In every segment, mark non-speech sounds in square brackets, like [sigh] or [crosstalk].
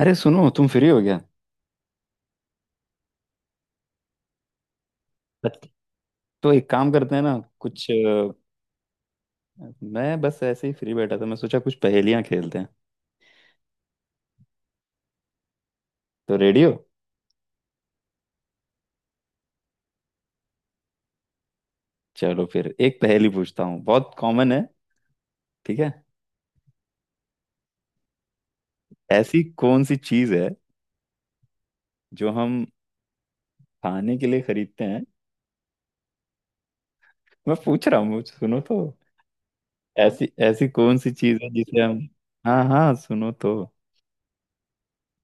अरे सुनो, तुम फ्री हो गया। बत- तो एक काम करते हैं ना कुछ। मैं बस ऐसे ही फ्री बैठा था, मैं सोचा कुछ पहेलियां खेलते हैं तो रेडियो। चलो फिर एक पहेली पूछता हूँ, बहुत कॉमन है। ठीक है। ऐसी कौन सी चीज है जो हम खाने के लिए खरीदते हैं। मैं पूछ रहा हूँ, सुनो तो। ऐसी ऐसी कौन सी चीज है जिसे हम। हाँ हाँ, सुनो तो।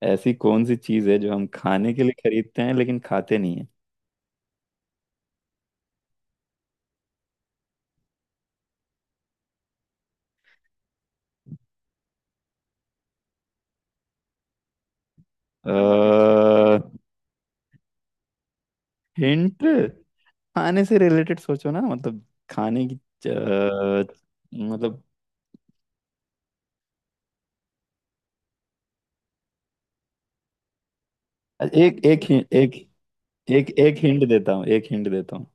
ऐसी कौन सी चीज है जो हम खाने के लिए खरीदते हैं लेकिन खाते नहीं है। हिंट। खाने से रिलेटेड सोचो ना, मतलब खाने की। अ, मतलब। एक एक हि- एक एक एक हिंट देता हूँ। एक हिंट देता हूँ।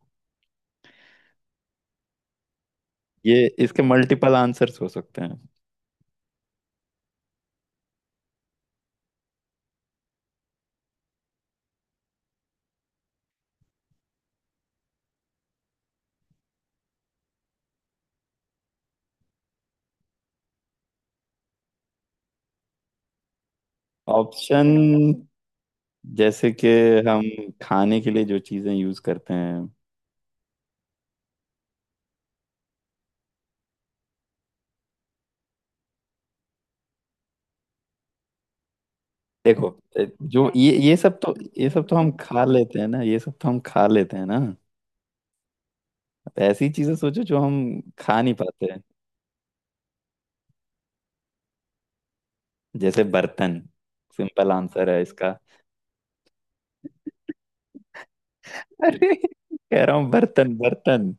ये इसके मल्टीपल आंसर्स हो सकते हैं। ऑप्शन जैसे कि हम खाने के लिए जो चीजें यूज करते हैं। देखो, जो ये सब तो। ये सब तो हम खा लेते हैं ना। ये सब तो हम खा लेते हैं ना। ऐसी चीजें सोचो जो हम खा नहीं पाते हैं। जैसे बर्तन। सिंपल आंसर है इसका। अरे कह रहा हूँ, बर्तन बर्तन।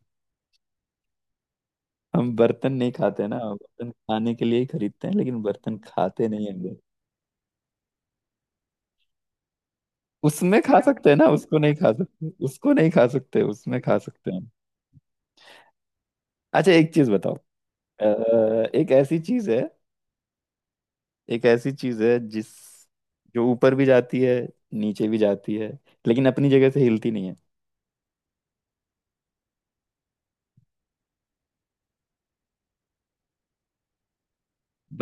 हम बर्तन नहीं खाते ना, बर्तन खाने के लिए ही खरीदते हैं, लेकिन बर्तन खाते नहीं हैं हम लोग। उसमें खा सकते हैं ना, उसको नहीं खा सकते। उसको नहीं खा सकते, उसमें खा सकते हैं। अच्छा, एक चीज बताओ। अ, एक ऐसी चीज है एक ऐसी चीज है जिस जो ऊपर भी जाती है, नीचे भी जाती है, लेकिन अपनी जगह से हिलती नहीं है।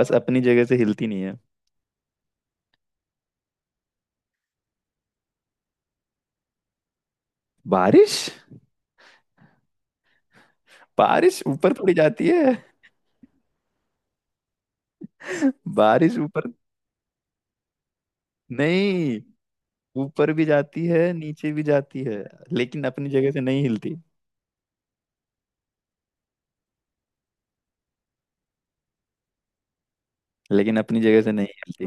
बस अपनी जगह से हिलती नहीं है। बारिश। बारिश ऊपर थोड़ी जाती है। [laughs] बारिश ऊपर नहीं। ऊपर भी जाती है, नीचे भी जाती है, लेकिन अपनी जगह से नहीं हिलती। लेकिन अपनी जगह से नहीं हिलती।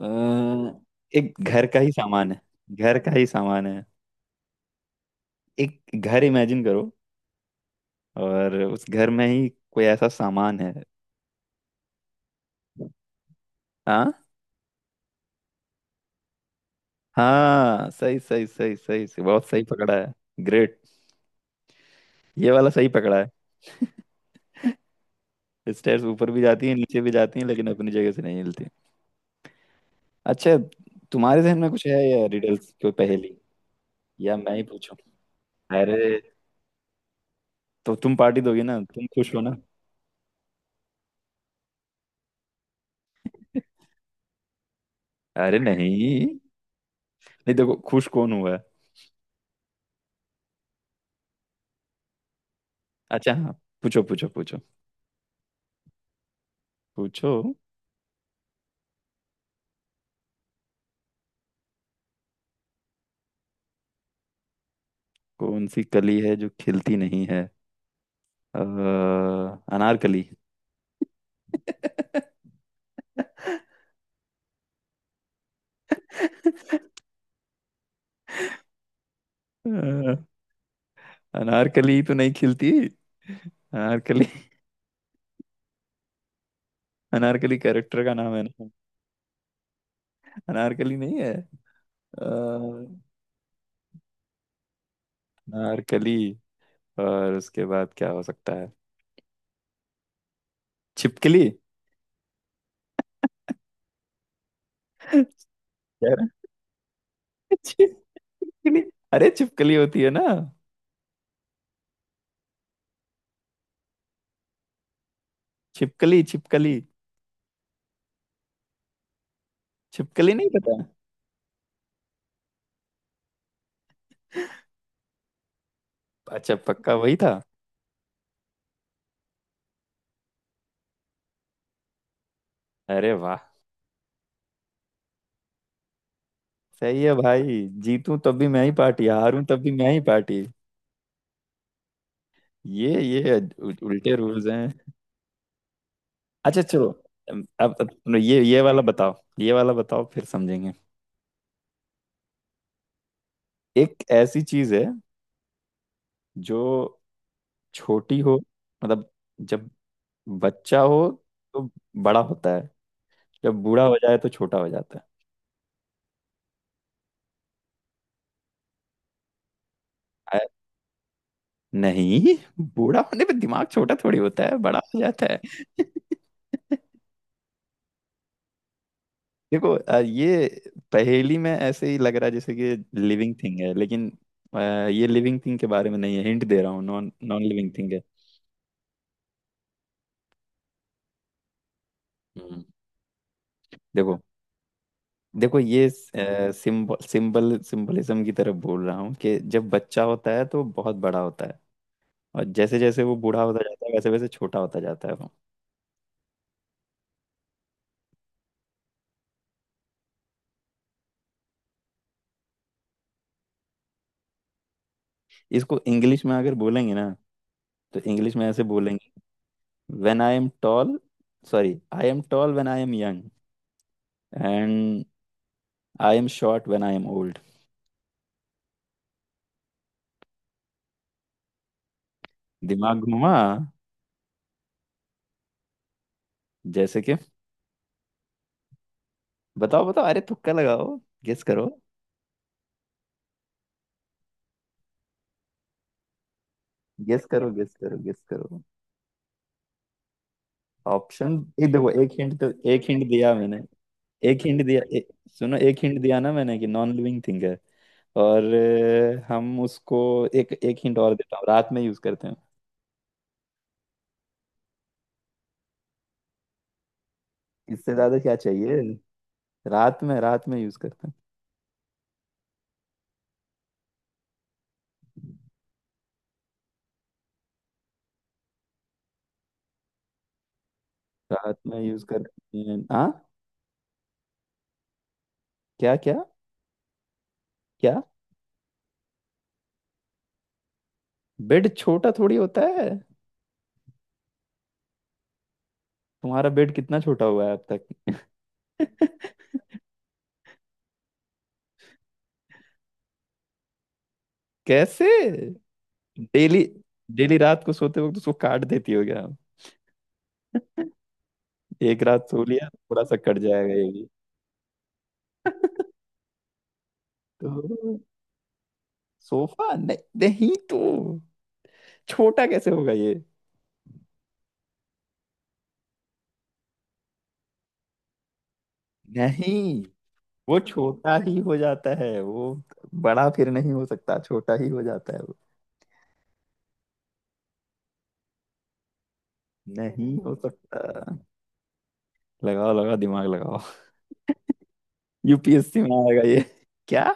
अ, एक घर का ही सामान है। घर का ही सामान है। एक घर इमेजिन करो, और उस घर में ही कोई ऐसा सामान है। हाँ। हाँ, सही सही सही सही सही, बहुत सही पकड़ा है। ग्रेट। ये वाला सही पकड़ा है। स्टेयर्स ऊपर भी जाती हैं, नीचे भी जाती हैं, लेकिन अपनी जगह से नहीं हिलती। अच्छा, तुम्हारे जहन में कुछ है या रिडल्स, कोई पहेली, या मैं ही पूछूं। अरे, तो तुम पार्टी दोगी ना, तुम खुश हो ना। अरे नहीं। नहीं, देखो खुश कौन हुआ है। अच्छा हाँ, पूछो पूछो पूछो। पूछो। कौन सी कली है जो खिलती नहीं है। अ, अनारकली। [laughs] अ, अनारकली तो नहीं खिलती। अनारकली। अनारकली कैरेक्टर का नाम है ना। अनारकली नहीं है। अ, अनारकली और उसके बाद क्या हो सकता है। छिपकली। कह रहा- [laughs] छिपकली। अरे, छिपकली होती है ना। छिपकली छिपकली। छिपकली नहीं पता। अच्छा, पक्का वही था। अरे वाह। सही है भाई, जीतूं तब भी मैं ही पार्टी, हारूं तब भी मैं ही पार्टी। ये उल्टे रूल्स हैं। अच्छा चलो। अब ये वाला बताओ। ये वाला बताओ, फिर समझेंगे। एक ऐसी चीज है जो छोटी हो, मतलब जब बच्चा हो तो बड़ा होता है, जब बूढ़ा हो जाए तो छोटा हो जाता है। नहीं, बूढ़ा होने पे दिमाग छोटा थोड़ी होता है, बड़ा हो जाता है [laughs] देखो, ये पहेली में ऐसे ही लग रहा है जैसे कि लिविंग थिंग है, लेकिन अ, ये लिविंग थिंग के बारे में नहीं है। हिंट दे रहा हूँ, नॉन नॉन लिविंग थिंग है। हम्म। देखो, देखो, ये सिंबल सिंबल सिंबलिज्म की तरफ बोल रहा हूँ कि जब बच्चा होता है तो बहुत बड़ा होता है, और जैसे जैसे वो बूढ़ा होता जाता है वैसे वैसे छोटा होता जाता है वो। इसको इंग्लिश में अगर बोलेंगे ना, तो इंग्लिश में ऐसे बोलेंगे। When I am tall. Sorry, I am tall when I am young, and I am short when I am old. दिमाग घुमा। जैसे कि बताओ बताओ। अरे, तुक्का लगाओ। गेस करो। गेस करो। गेस करो। गेस करो। ऑप्शन। एक देखो, एक हिंट तो एक हिंट दिया मैंने। एक हिंट दिया, सुनो, एक हिंट दिया ना मैंने कि नॉन लिविंग थिंग है। और हम उसको। एक एक हिंट और देता हूँ, रात में यूज करते हैं। इससे ज्यादा क्या चाहिए। रात में, रात में यूज करते हैं। रात में यूज करते हैं, हाँ। क्या क्या क्या। बेड छोटा थोड़ी होता है। तुम्हारा बेड कितना छोटा हुआ है अब तक [laughs] कैसे। डेली, डेली रात को सोते वक्त उसको काट देती हो क्या। एक रात सो लिया, थोड़ा सा कट जाएगा ये भी। [laughs] तो सोफा नहीं। नहीं तो छोटा कैसे होगा ये। नहीं, वो छोटा ही हो जाता है वो। बड़ा फिर नहीं हो सकता, छोटा ही हो जाता है वो। नहीं हो सकता। लगाओ लगाओ, दिमाग लगाओ। [laughs] यूपीएससी में आएगा ये। क्या।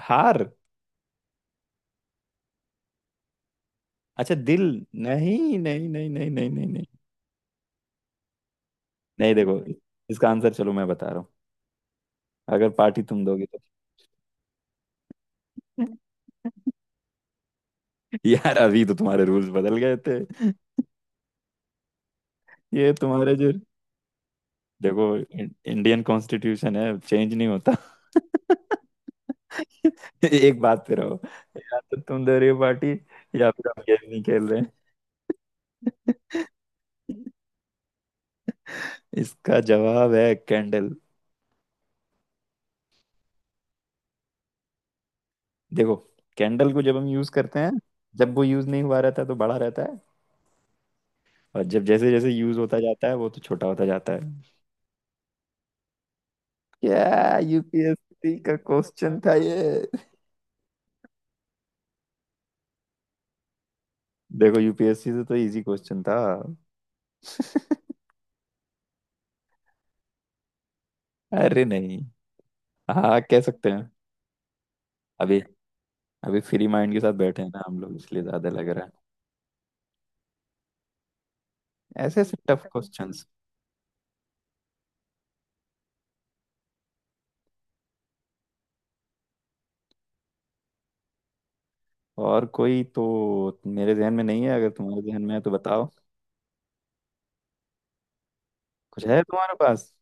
हार। अच्छा दिल। नहीं नहीं नहीं नहीं नहीं नहीं नहीं नहीं। देखो, इसका आंसर चलो मैं बता रहा हूँ। अगर पार्टी तुम दोगे तो। [laughs] यार, अभी तो तुम्हारे रूल्स बदल गए थे। ये तुम्हारे जो, देखो इंडियन कॉन्स्टिट्यूशन है, चेंज नहीं होता [laughs] एक बात पे रहो। या तो तुम दे रही हो पार्टी, या फिर हम गेम नहीं खेल रहे। [laughs] इसका जवाब है कैंडल। देखो, कैंडल को जब हम यूज करते हैं, जब वो यूज नहीं हुआ रहता है तो बड़ा रहता है, और जब जैसे जैसे यूज होता जाता है वो तो छोटा होता जाता है। क्या यूपीएससी का क्वेश्चन था ये। देखो, यूपीएससी से तो इजी क्वेश्चन था [laughs] अरे नहीं। हाँ, कह सकते हैं। अभी, अभी फ्री माइंड के साथ बैठे हैं ना हम लोग, इसलिए ज्यादा लग रहा है। ऐसे ऐसे टफ क्वेश्चंस। और कोई तो मेरे जहन में नहीं है, अगर तुम्हारे जहन में है तो बताओ। कुछ है तुम्हारे पास।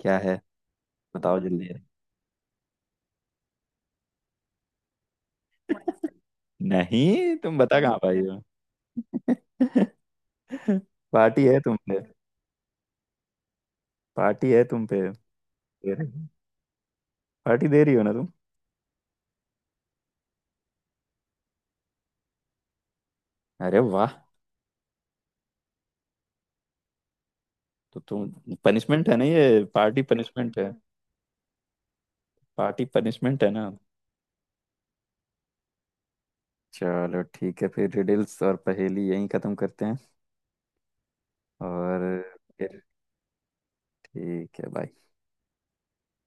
क्या है। बताओ जल्दी। नहीं, तुम बता कहाँ पाई हो [laughs] पार्टी है तुम पे। पार्टी है तुम पे। दे रही- पार्टी दे रही हो ना तुम। अरे वाह। तो तुम पनिशमेंट है ना ये, पार्टी पनिशमेंट। पार्टी पनिशमेंट है ना। चलो ठीक है, फिर रिडल्स और पहेली यहीं खत्म करते हैं। और फिर ठीक है, बाय।